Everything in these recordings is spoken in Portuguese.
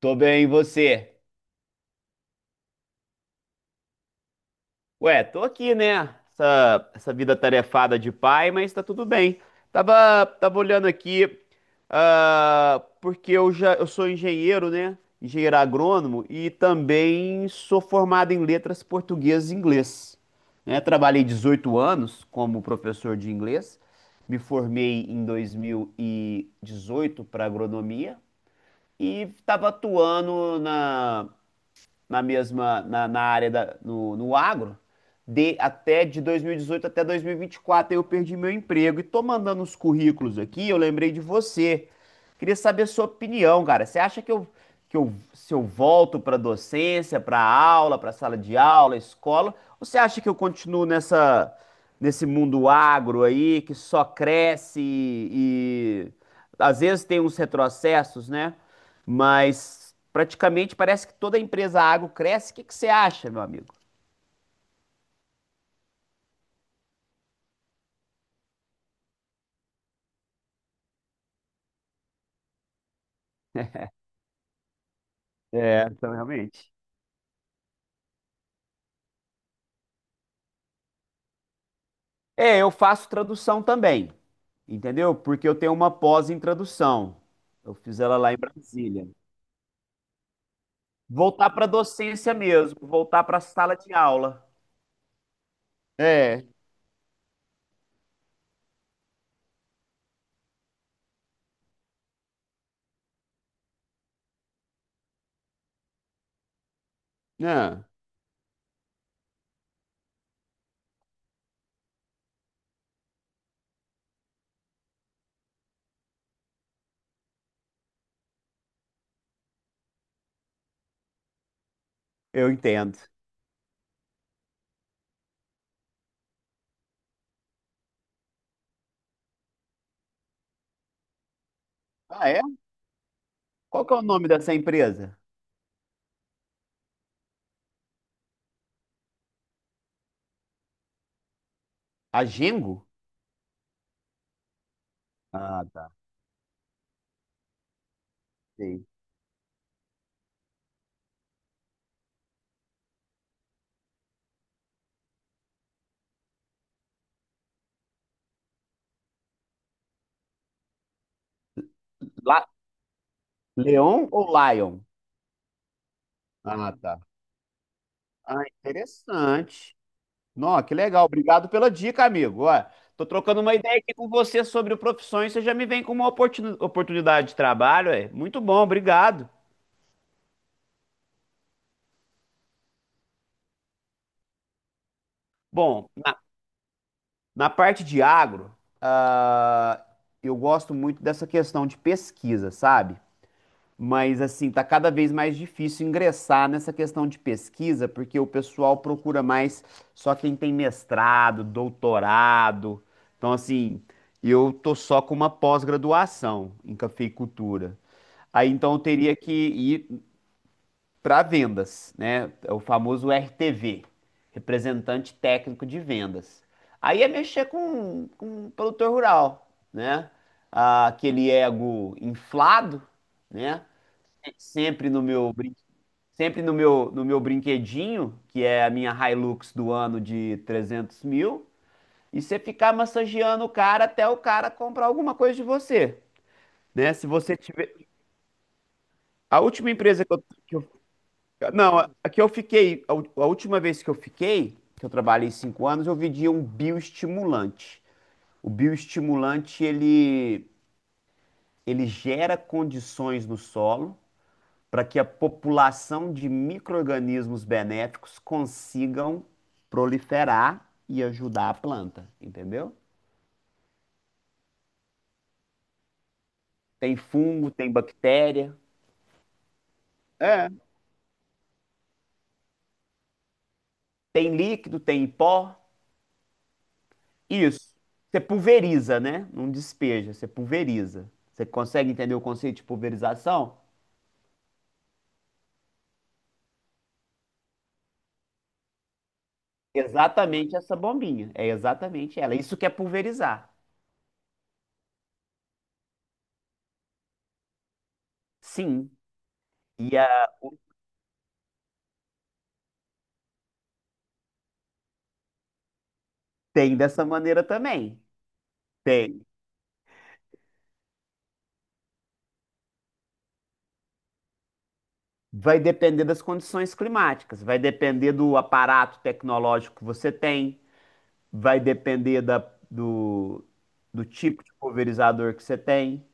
Tô bem, e você? Ué, tô aqui, né? Essa vida tarefada de pai, mas tá tudo bem. Tava olhando aqui, porque eu sou engenheiro, né? Engenheiro agrônomo, e também sou formado em letras portuguesas e inglês. Né? Trabalhei 18 anos como professor de inglês, me formei em 2018 para agronomia e estava atuando na área da, no, no agro de até de 2018 até 2024. Aí eu perdi meu emprego e tô mandando os currículos aqui. Eu lembrei de você. Queria saber a sua opinião, cara. Você acha que eu se eu volto para docência, para aula, para sala de aula, escola, ou você acha que eu continuo nessa nesse mundo agro aí que só cresce, e às vezes tem uns retrocessos, né? Mas praticamente parece que toda empresa agro cresce. O que que você acha, meu amigo? É, então realmente. É, eu faço tradução também, entendeu? Porque eu tenho uma pós em tradução. Eu fiz ela lá em Brasília. Voltar para docência mesmo, voltar para a sala de aula. É, não. Eu entendo. Ah, é? Qual que é o nome dessa empresa? A Gengo? Ah, tá. Sei. La- Leon ou Lion? Ah, tá. Ah, interessante. Não, que legal. Obrigado pela dica, amigo. Ó, tô trocando uma ideia aqui com você sobre profissões. Você já me vem com uma oportunidade de trabalho, é? Muito bom, obrigado. Bom, na parte de agro, ah, eu gosto muito dessa questão de pesquisa, sabe? Mas assim, tá cada vez mais difícil ingressar nessa questão de pesquisa, porque o pessoal procura mais só quem tem mestrado, doutorado. Então, assim, eu tô só com uma pós-graduação em cafeicultura. Aí então eu teria que ir para vendas, né? É o famoso RTV, representante técnico de vendas. Aí é mexer com o produtor rural, né? Ah, aquele ego inflado, né? Sempre no meu brin- sempre no meu no meu brinquedinho, que é a minha Hilux do ano de 300.000, e você ficar massageando o cara até o cara comprar alguma coisa de você, né? Se você tiver a última empresa que eu, que não, aqui eu fiquei, a a última vez que eu fiquei, que eu trabalhei 5 anos, eu vendia um bioestimulante. O bioestimulante, ele gera condições no solo para que a população de micro-organismos benéficos consigam proliferar e ajudar a planta, entendeu? Tem fungo, tem bactéria, é, tem líquido, tem pó. Isso. Você pulveriza, né? Não despeja, você pulveriza. Você consegue entender o conceito de pulverização? Exatamente essa bombinha. É exatamente ela. É isso que é pulverizar. Sim. E tem dessa maneira também. Tem. Vai depender das condições climáticas, vai depender do aparato tecnológico que você tem, vai depender do do tipo de pulverizador que você tem.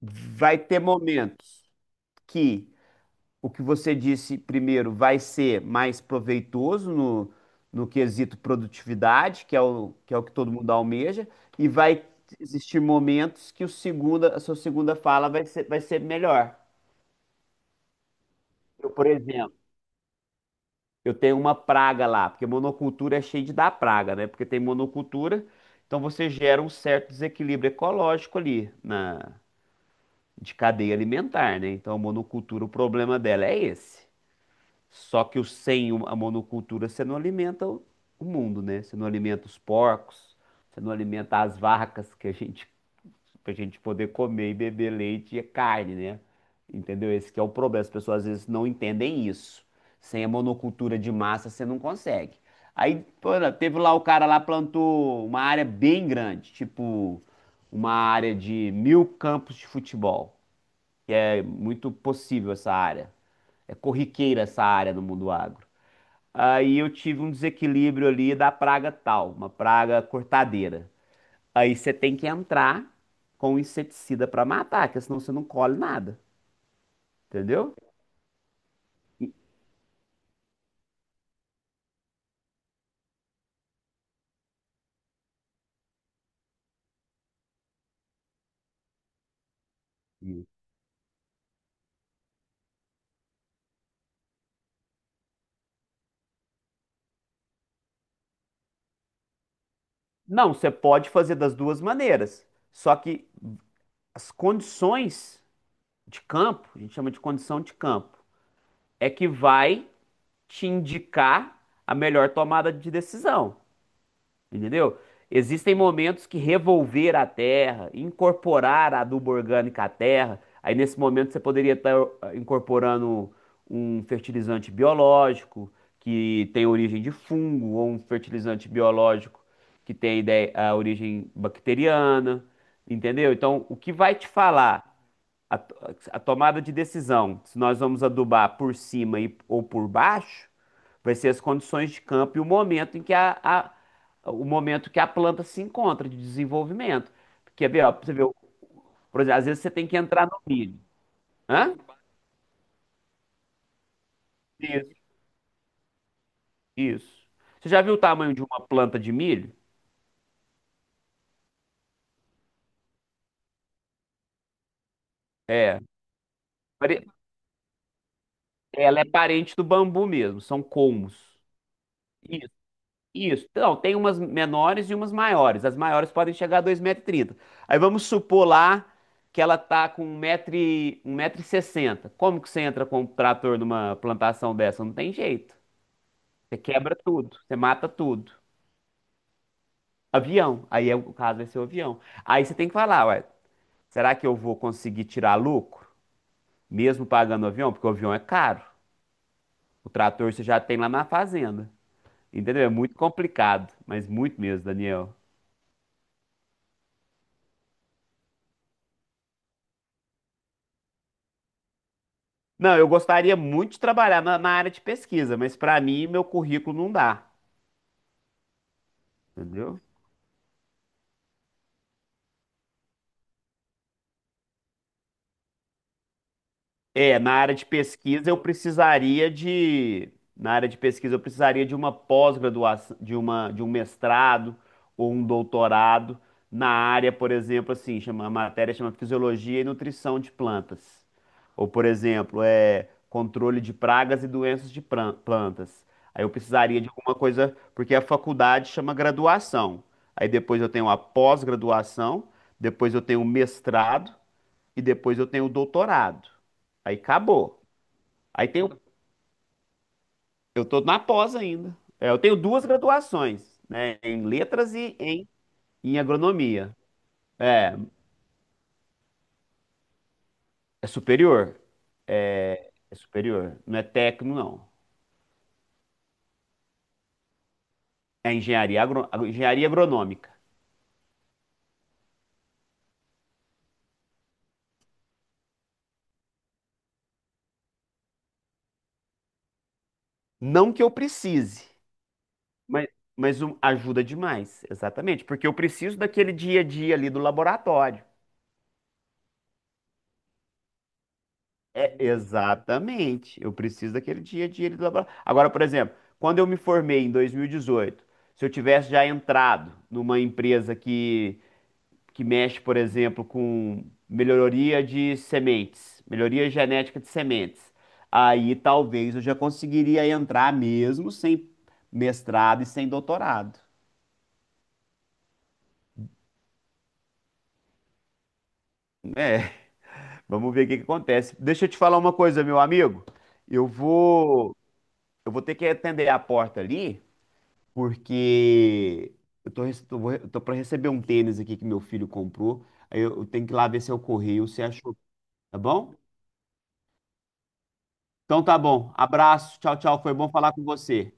Vai ter momentos que o que você disse primeiro vai ser mais proveitoso no quesito produtividade, que é o que todo mundo almeja, e vai existir momentos que o segunda, a sua segunda fala vai ser melhor. Eu, por exemplo, eu tenho uma praga lá, porque monocultura é cheio de dar praga, né? Porque tem monocultura, então você gera um certo desequilíbrio ecológico ali na, de cadeia alimentar, né? Então a monocultura, o problema dela é esse. Só que sem a monocultura você não alimenta o mundo, né? Você não alimenta os porcos, você não alimenta as vacas que a gente, pra gente poder comer e beber leite e carne, né? Entendeu? Esse que é o problema. As pessoas às vezes não entendem isso. Sem a monocultura de massa você não consegue. Aí, pô, teve lá o cara lá, plantou uma área bem grande, tipo uma área de 1.000 campos de futebol. É muito possível essa área. É corriqueira essa área no mundo agro. Aí eu tive um desequilíbrio ali da praga tal, uma praga cortadeira. Aí você tem que entrar com o inseticida para matar, porque senão você não colhe nada, entendeu? Sim. Não, você pode fazer das duas maneiras. Só que as condições de campo, a gente chama de condição de campo, é que vai te indicar a melhor tomada de decisão. Entendeu? Existem momentos que revolver a terra, incorporar a adubo orgânico à terra, aí nesse momento você poderia estar incorporando um fertilizante biológico que tem origem de fungo, ou um fertilizante biológico que tem a origem bacteriana, entendeu? Então, o que vai te falar a, to- a tomada de decisão, se nós vamos adubar por cima ou por baixo, vai ser as condições de campo e o momento em que o momento que a planta se encontra de desenvolvimento. Quer ver, ó, pra você ver, por exemplo, às vezes você tem que entrar no milho. Hã? Isso. Isso. Você já viu o tamanho de uma planta de milho? É. Pare- Ela é parente do bambu mesmo, são colmos. Isso. Então, tem umas menores e umas maiores. As maiores podem chegar a 2,30 metros. Aí vamos supor lá que ela tá com um metro e 1,60 metro. Como que você entra com um trator numa plantação dessa? Não tem jeito. Você quebra tudo, você mata tudo. Avião. Aí é o caso, vai ser o avião. Aí você tem que falar, ué, será que eu vou conseguir tirar lucro? Mesmo pagando o avião? Porque o avião é caro. O trator você já tem lá na fazenda. Entendeu? É muito complicado, mas muito mesmo, Daniel. Não, eu gostaria muito de trabalhar na, na área de pesquisa, mas para mim, meu currículo não dá, entendeu? É, na área de pesquisa eu precisaria de, na área de pesquisa eu precisaria de uma pós-graduação, de uma, de um mestrado ou um doutorado na área, por exemplo, assim, chama, a matéria chama Fisiologia e Nutrição de Plantas. Ou, por exemplo, é controle de pragas e doenças de plantas. Aí eu precisaria de alguma coisa, porque a faculdade chama graduação. Aí depois eu tenho a pós-graduação, depois eu tenho o mestrado e depois eu tenho o doutorado. Aí acabou. Aí tenho, eu estou na pós ainda. É, eu tenho duas graduações, né? Em letras e em agronomia. É, é superior. É superior. Não é técnico, não. É engenharia, agro, engenharia agronômica. Não que eu precise, mas, ajuda demais. Exatamente. Porque eu preciso daquele dia a dia ali do laboratório. É, exatamente. Eu preciso daquele dia a dia ali do laboratório. Agora, por exemplo, quando eu me formei em 2018, se eu tivesse já entrado numa empresa que mexe, por exemplo, com melhoria de sementes, melhoria genética de sementes, aí talvez eu já conseguiria entrar mesmo sem mestrado e sem doutorado. É, vamos ver o que que acontece. Deixa eu te falar uma coisa, meu amigo. Eu vou, eu vou ter que atender a porta ali. Porque eu tô, eu tô para receber um tênis aqui que meu filho comprou. Aí eu tenho que ir lá ver se é o correio, se achou, tá bom? Então tá bom. Abraço, tchau, tchau. Foi bom falar com você.